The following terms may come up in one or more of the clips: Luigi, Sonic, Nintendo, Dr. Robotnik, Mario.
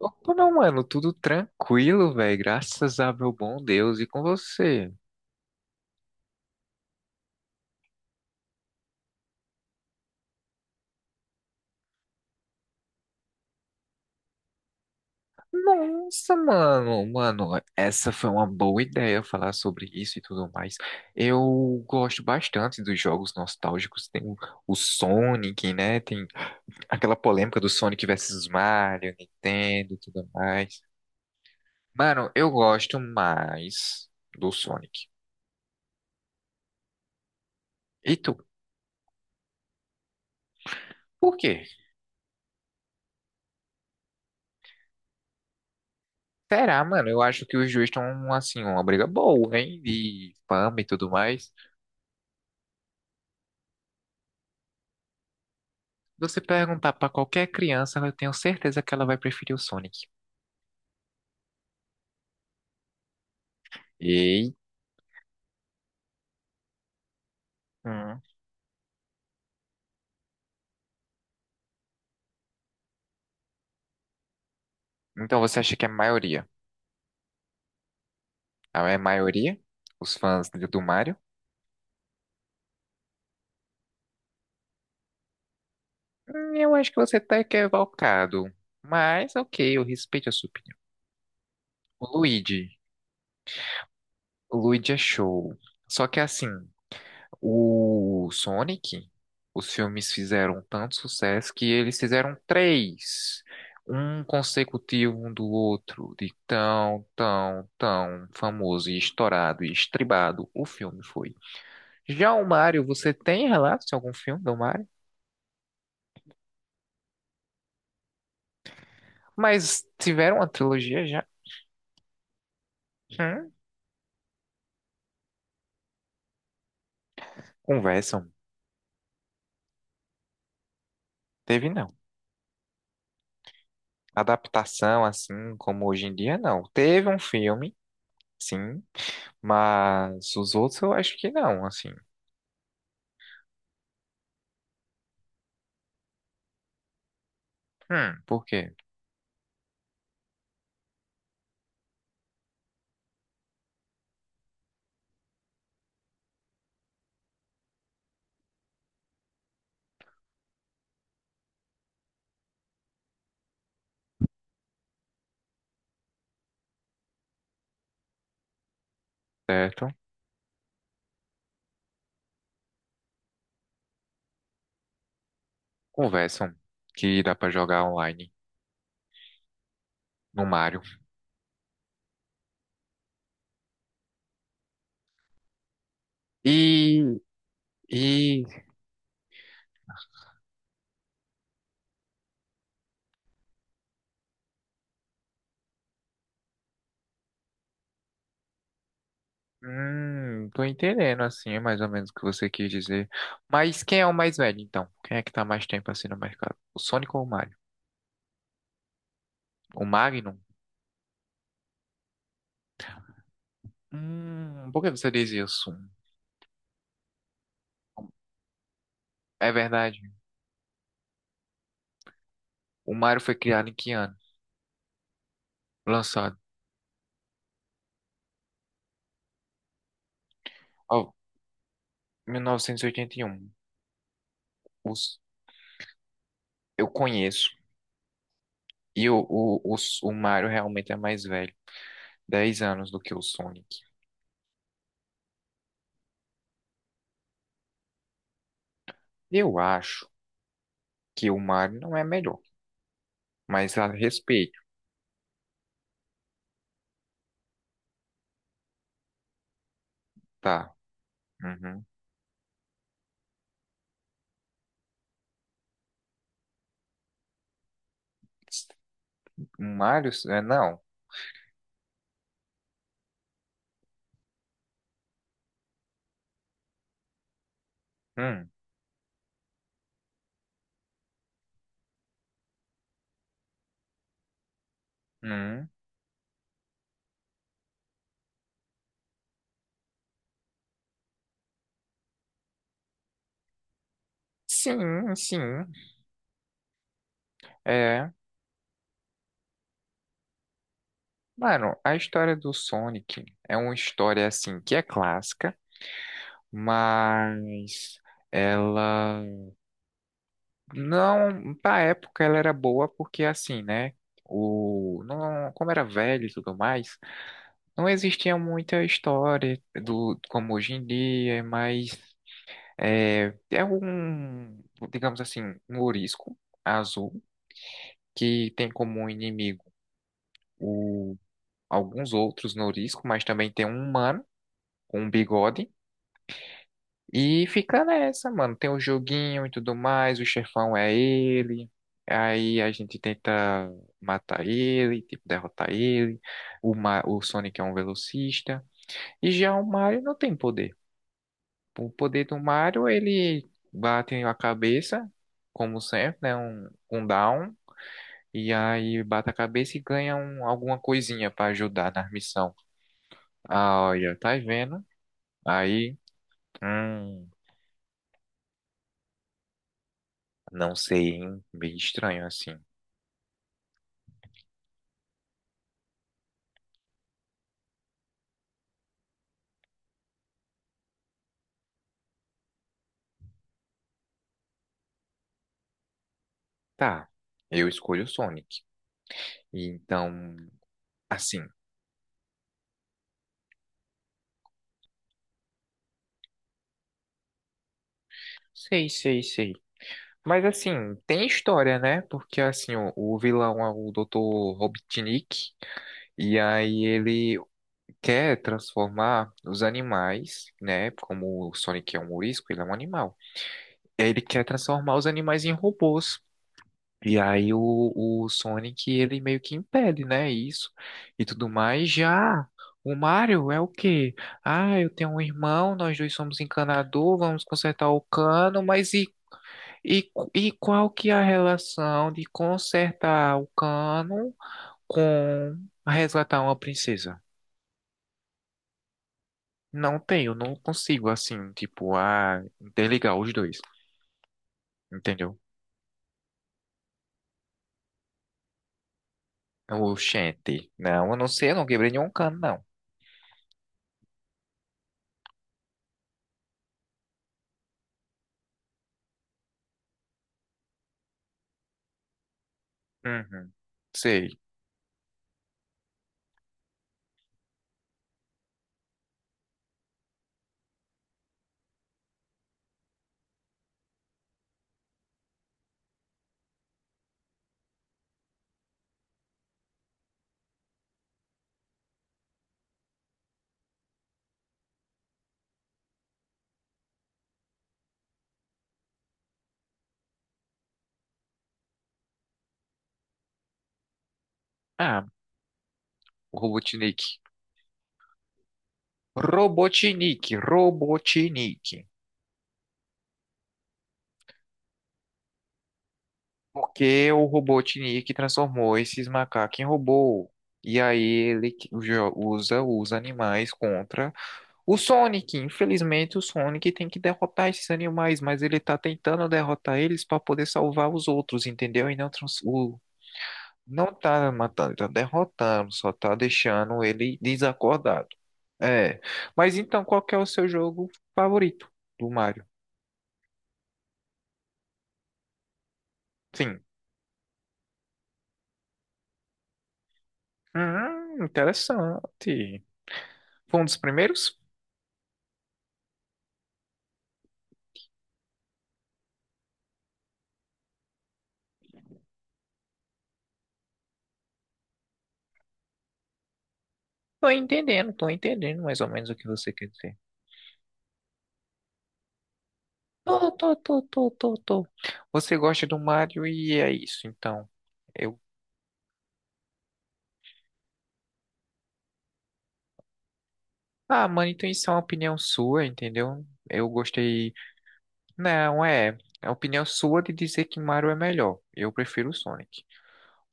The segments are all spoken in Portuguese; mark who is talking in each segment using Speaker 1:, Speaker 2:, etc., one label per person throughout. Speaker 1: Opa, não, mano, tudo tranquilo, velho, graças a meu bom Deus e com você. Nossa, mano, essa foi uma boa ideia falar sobre isso e tudo mais. Eu gosto bastante dos jogos nostálgicos, tem o Sonic, né? Tem aquela polêmica do Sonic versus Mario, Nintendo e tudo mais. Mano, eu gosto mais do Sonic. E tu? Por quê? Será, mano? Eu acho que os dois estão, assim, uma briga boa, hein? De fama e tudo mais. Você perguntar pra qualquer criança, eu tenho certeza que ela vai preferir o Sonic. E... Hum. Então você acha que é a maioria? Ah, é maioria? Os fãs do Mario? Eu acho que você tá equivocado. Mas, ok, eu respeito a sua opinião. O Luigi. O Luigi é show. Só que assim. O Sonic, os filmes fizeram tanto sucesso que eles fizeram três, um consecutivo um do outro, de tão famoso e estourado e estribado o filme foi. Já o Mario, você tem relatos de algum filme do Mario? Mas tiveram uma trilogia já? Hum, conversam. Teve não. Adaptação assim como hoje em dia, não. Teve um filme, sim, mas os outros eu acho que não, assim. Por quê? Certo? Conversam que dá pra jogar online no Mario. E, e, tô entendendo assim, é mais ou menos o que você quis dizer. Mas quem é o mais velho, então? Quem é que tá mais tempo assim no mercado? O Sonic ou o Mario? O Magnum? Por que você diz isso? É verdade. O Mario foi criado em que ano? Lançado. Ó, 1981. Os, eu conheço. E o Mario realmente é mais velho. 10 anos do que o Sonic. Eu acho. Que o Mario não é melhor, mas a respeito, tá? Uhum. O Mario, é, não. Hum, hum. Sim, sim. É, mano, a história do Sonic é uma história assim que é clássica, mas ela não, pra época ela era boa porque assim, né? Não, como era velho e tudo mais, não existia muita história do como hoje em dia, mas é, é um, digamos assim, um ourisco azul que tem como inimigo o, alguns outros norisco, mas também tem um humano com um bigode. E fica nessa, mano. Tem o joguinho e tudo mais, o chefão é ele. Aí a gente tenta matar ele, tipo, derrotar ele. O Sonic é um velocista. E já o Mario não tem poder. O poder do Mario, ele bate a cabeça, como sempre, né? Um down. E aí bate a cabeça e ganha alguma coisinha pra ajudar na missão. Ah, olha, tá vendo? Aí, hum, não sei, hein? Meio estranho assim. Tá, eu escolho o Sonic. E então, assim, sei. Mas assim, tem história, né? Porque assim, o vilão é o Dr. Robotnik. E aí ele quer transformar os animais, né? Como o Sonic é um morisco, ele é um animal. Ele quer transformar os animais em robôs. E aí o, o Sonic, ele meio que impede, né? Isso e tudo mais. Já o Mario é o quê? Ah, eu tenho um irmão, nós dois somos encanador, vamos consertar o cano, qual que é a relação de consertar o cano com resgatar uma princesa? Não tenho, não consigo assim, tipo, ah, interligar os dois, entendeu? Oxente, não, eu não sei, eu não quebrei nenhum cano, não. Uhum, sei. Ah, Robotnik. Robotnik. Porque o Robotnik transformou esses macacos em robô. E aí ele usa os animais contra o Sonic. Infelizmente, o Sonic tem que derrotar esses animais, mas ele tá tentando derrotar eles para poder salvar os outros, entendeu? Não tá matando, tá derrotando, só tá deixando ele desacordado. É. Mas então, qual que é o seu jogo favorito do Mario? Sim. Interessante. Foi um dos primeiros? Tô entendendo mais ou menos o que você quer dizer. Tô. Você gosta do Mario e é isso, então. Eu, ah, mano, então isso é uma opinião sua, entendeu? Eu gostei. Não, é. É a opinião sua de dizer que Mario é melhor. Eu prefiro o Sonic.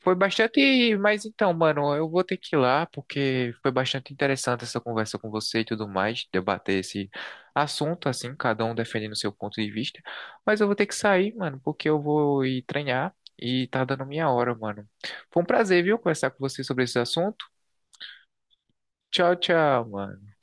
Speaker 1: Foi bastante. Mas então, mano, eu vou ter que ir lá, porque foi bastante interessante essa conversa com você e tudo mais, debater esse assunto, assim, cada um defendendo o seu ponto de vista. Mas eu vou ter que sair, mano, porque eu vou ir treinar e tá dando minha hora, mano. Foi um prazer, viu, conversar com você sobre esse assunto. Tchau, tchau, mano.